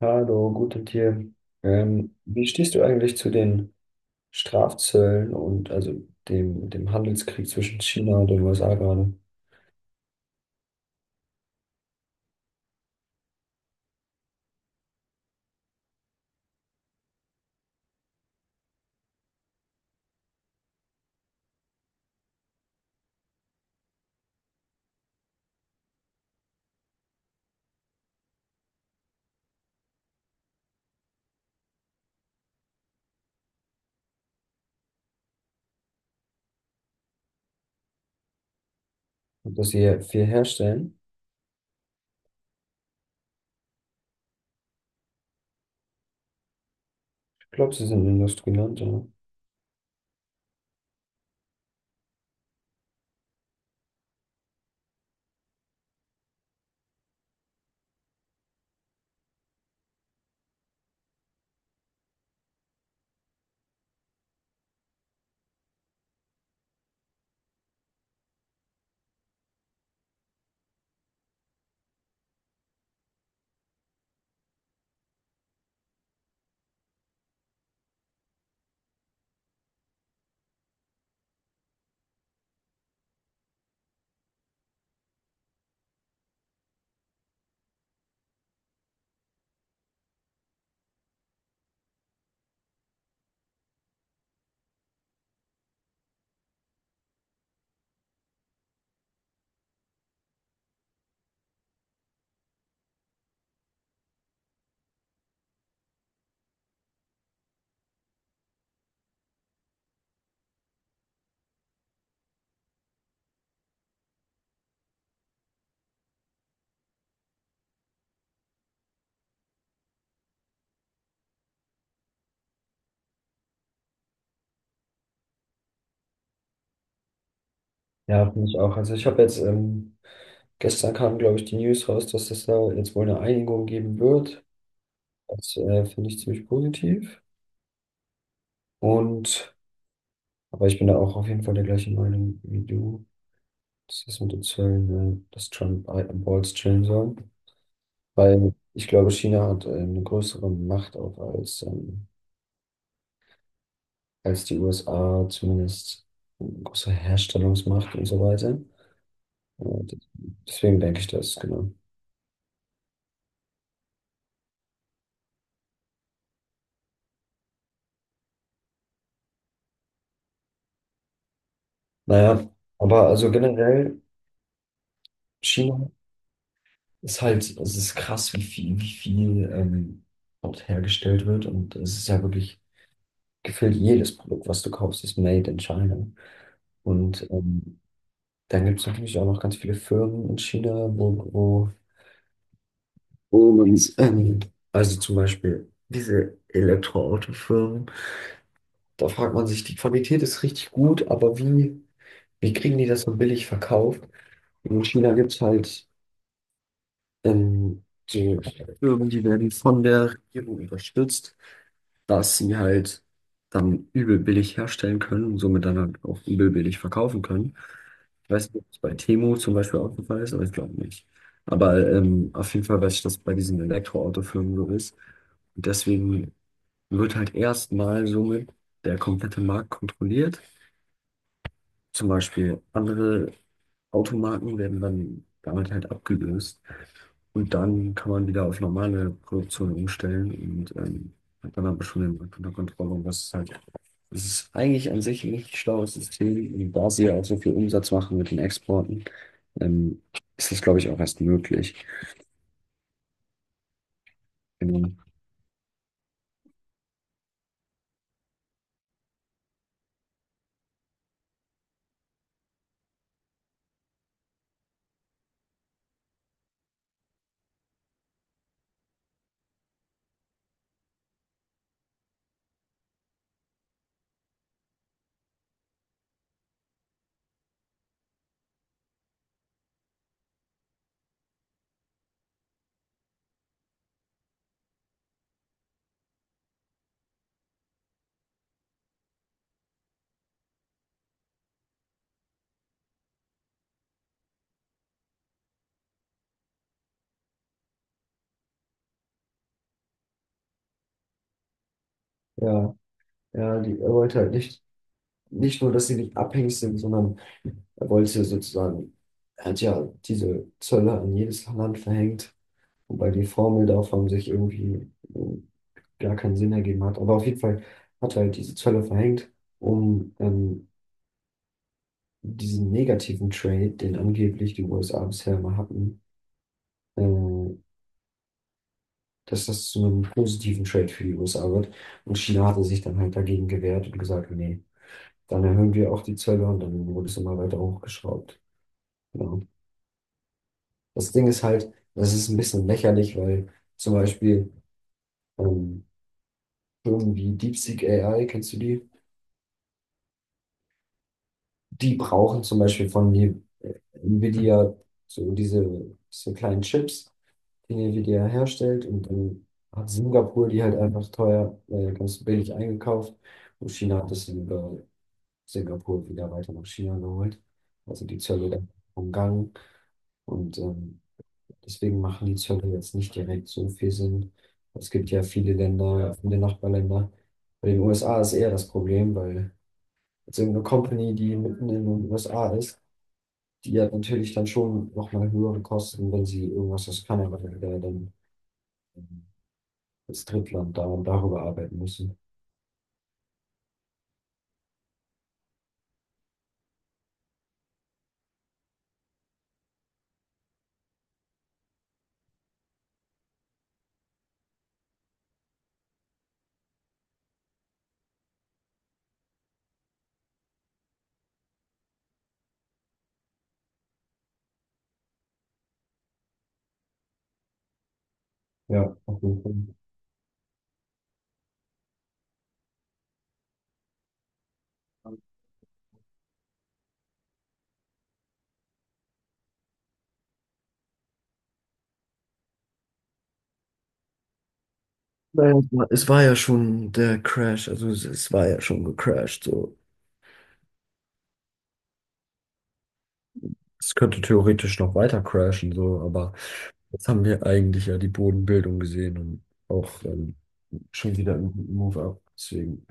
Hallo, gute Tag. Wie stehst du eigentlich zu den Strafzöllen und also dem Handelskrieg zwischen China und den USA gerade? Und dass sie hier viel herstellen? Ich glaube, sie sind Industrieland, oder? Ja, finde ich auch. Also ich habe gestern kam, glaube ich, die News raus, dass es da jetzt wohl eine Einigung geben wird. Das finde ich ziemlich positiv. Und, aber ich bin da auch auf jeden Fall der gleichen Meinung wie du, dass das ist mit den Zöllen, dass Trump Balls chillen soll. Weil ich glaube, China hat eine größere Macht auch als die USA, zumindest eine große Herstellungsmacht und so weiter. Und deswegen denke ich das, genau. Naja, aber also generell, China ist halt, es ist krass, wie viel, wie viel dort hergestellt wird. Und es ist ja wirklich gefühlt jedes Produkt, was du kaufst, ist made in China. Und dann gibt es natürlich auch noch ganz viele Firmen in China, wo, wo Und also zum Beispiel diese Elektroautofirmen, da fragt man sich, die Qualität ist richtig gut, aber wie kriegen die das so billig verkauft? In China gibt es halt so Firmen, die werden von der Regierung unterstützt, dass sie halt dann übel billig herstellen können und somit dann halt auch übel billig verkaufen können. Ich weiß nicht, ob es bei Temu zum Beispiel auch der Fall ist, aber ich glaube nicht. Aber auf jeden Fall weiß ich, dass bei diesen Elektroautofirmen so ist. Und deswegen wird halt erstmal somit der komplette Markt kontrolliert. Zum Beispiel andere Automarken werden dann damit halt abgelöst. Und dann kann man wieder auf normale Produktion umstellen und hat dann aber schon den Markt unter Kontrolle. Und das ist halt, es ist eigentlich an sich ein richtig schlaues System. Und da sie ja auch so viel Umsatz machen mit den Exporten, ähm, ist das, glaube ich, auch erst möglich. Genau. Ja, ja, die, er wollte halt nicht, nicht nur, dass sie nicht abhängig sind, sondern er wollte sozusagen, er hat ja diese Zölle an jedes Land verhängt, wobei die Formel davon sich irgendwie gar keinen Sinn ergeben hat. Aber auf jeden Fall hat er halt diese Zölle verhängt, um diesen negativen Trade, den angeblich die USA bisher immer hatten, äh, dass das zu einem positiven Trade für die USA wird. Und China hatte sich dann halt dagegen gewehrt und gesagt, nee, dann erhöhen wir auch die Zölle und dann wurde es immer weiter hochgeschraubt. Genau. Das Ding ist halt, das ist ein bisschen lächerlich, weil zum Beispiel ähm, Firmen wie DeepSeek AI, kennst du die? Die brauchen zum Beispiel von mir äh, Nvidia so diese kleinen Chips, die Nvidia herstellt. Und dann hat Singapur die halt einfach ganz billig eingekauft. Und China hat das dann über Singapur wieder weiter nach China geholt. Also die Zölle dann umgangen. Und deswegen machen die Zölle jetzt nicht direkt so viel Sinn. Es gibt ja viele Länder, viele Nachbarländer. Bei den USA ist eher das Problem, weil jetzt irgendeine Company, die mitten in den USA ist, die ja natürlich dann schon nochmal höhere Kosten, wenn sie irgendwas aus Kanada oder dann ähm, als Drittland da und darüber arbeiten müssen. Ja, auf jeden Fall. Naja, es war ja schon der Crash, also es war ja schon gecrashed, so. Es könnte theoretisch noch weiter crashen, so, aber jetzt haben wir eigentlich ja die Bodenbildung gesehen und auch schon wieder einen guten Move up. Deswegen.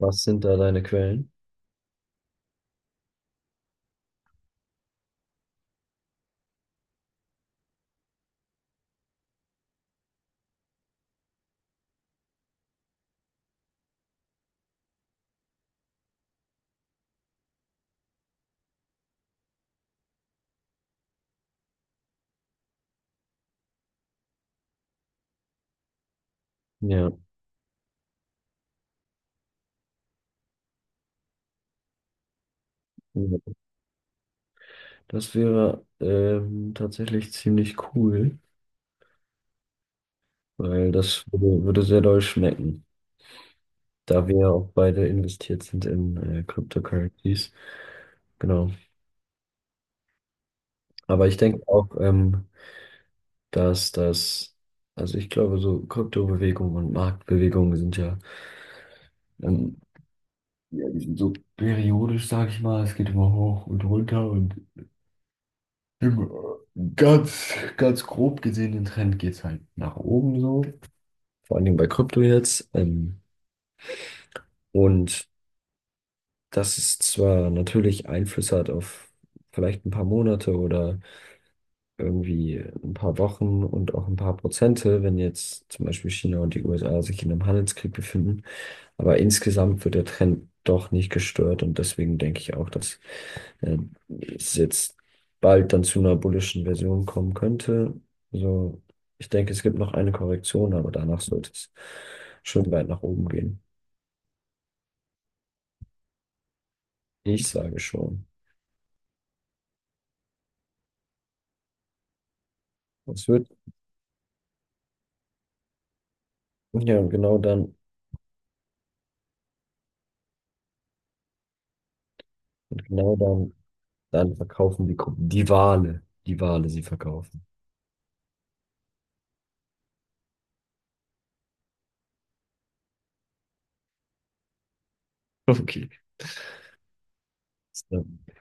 Was sind da deine Quellen? Ja. Ja. Das wäre tatsächlich ziemlich cool, weil das würde sehr doll schmecken, da wir ja auch beide investiert sind in Cryptocurrencies. Genau. Aber ich denke auch, dass das, also ich glaube, so Kryptobewegungen und Marktbewegungen sind ja, ähm, ja, die sind so periodisch, sage ich mal. Es geht immer hoch und runter und ganz, ganz grob gesehen, den Trend geht es halt nach oben so. Vor allen Dingen bei Krypto jetzt. Und dass es zwar natürlich Einfluss hat auf vielleicht ein paar Monate oder irgendwie ein paar Wochen und auch ein paar Prozente, wenn jetzt zum Beispiel China und die USA sich in einem Handelskrieg befinden, aber insgesamt wird der Trend doch nicht gestört und deswegen denke ich auch, dass äh, es jetzt bald dann zu einer bullischen Version kommen könnte. Also ich denke, es gibt noch eine Korrektion, aber danach sollte es schon weit nach oben gehen. Ich sage schon. Es wird, ja, genau dann. Und genau dann, dann verkaufen die, Gruppen die Wale sie verkaufen. Okay. Ja.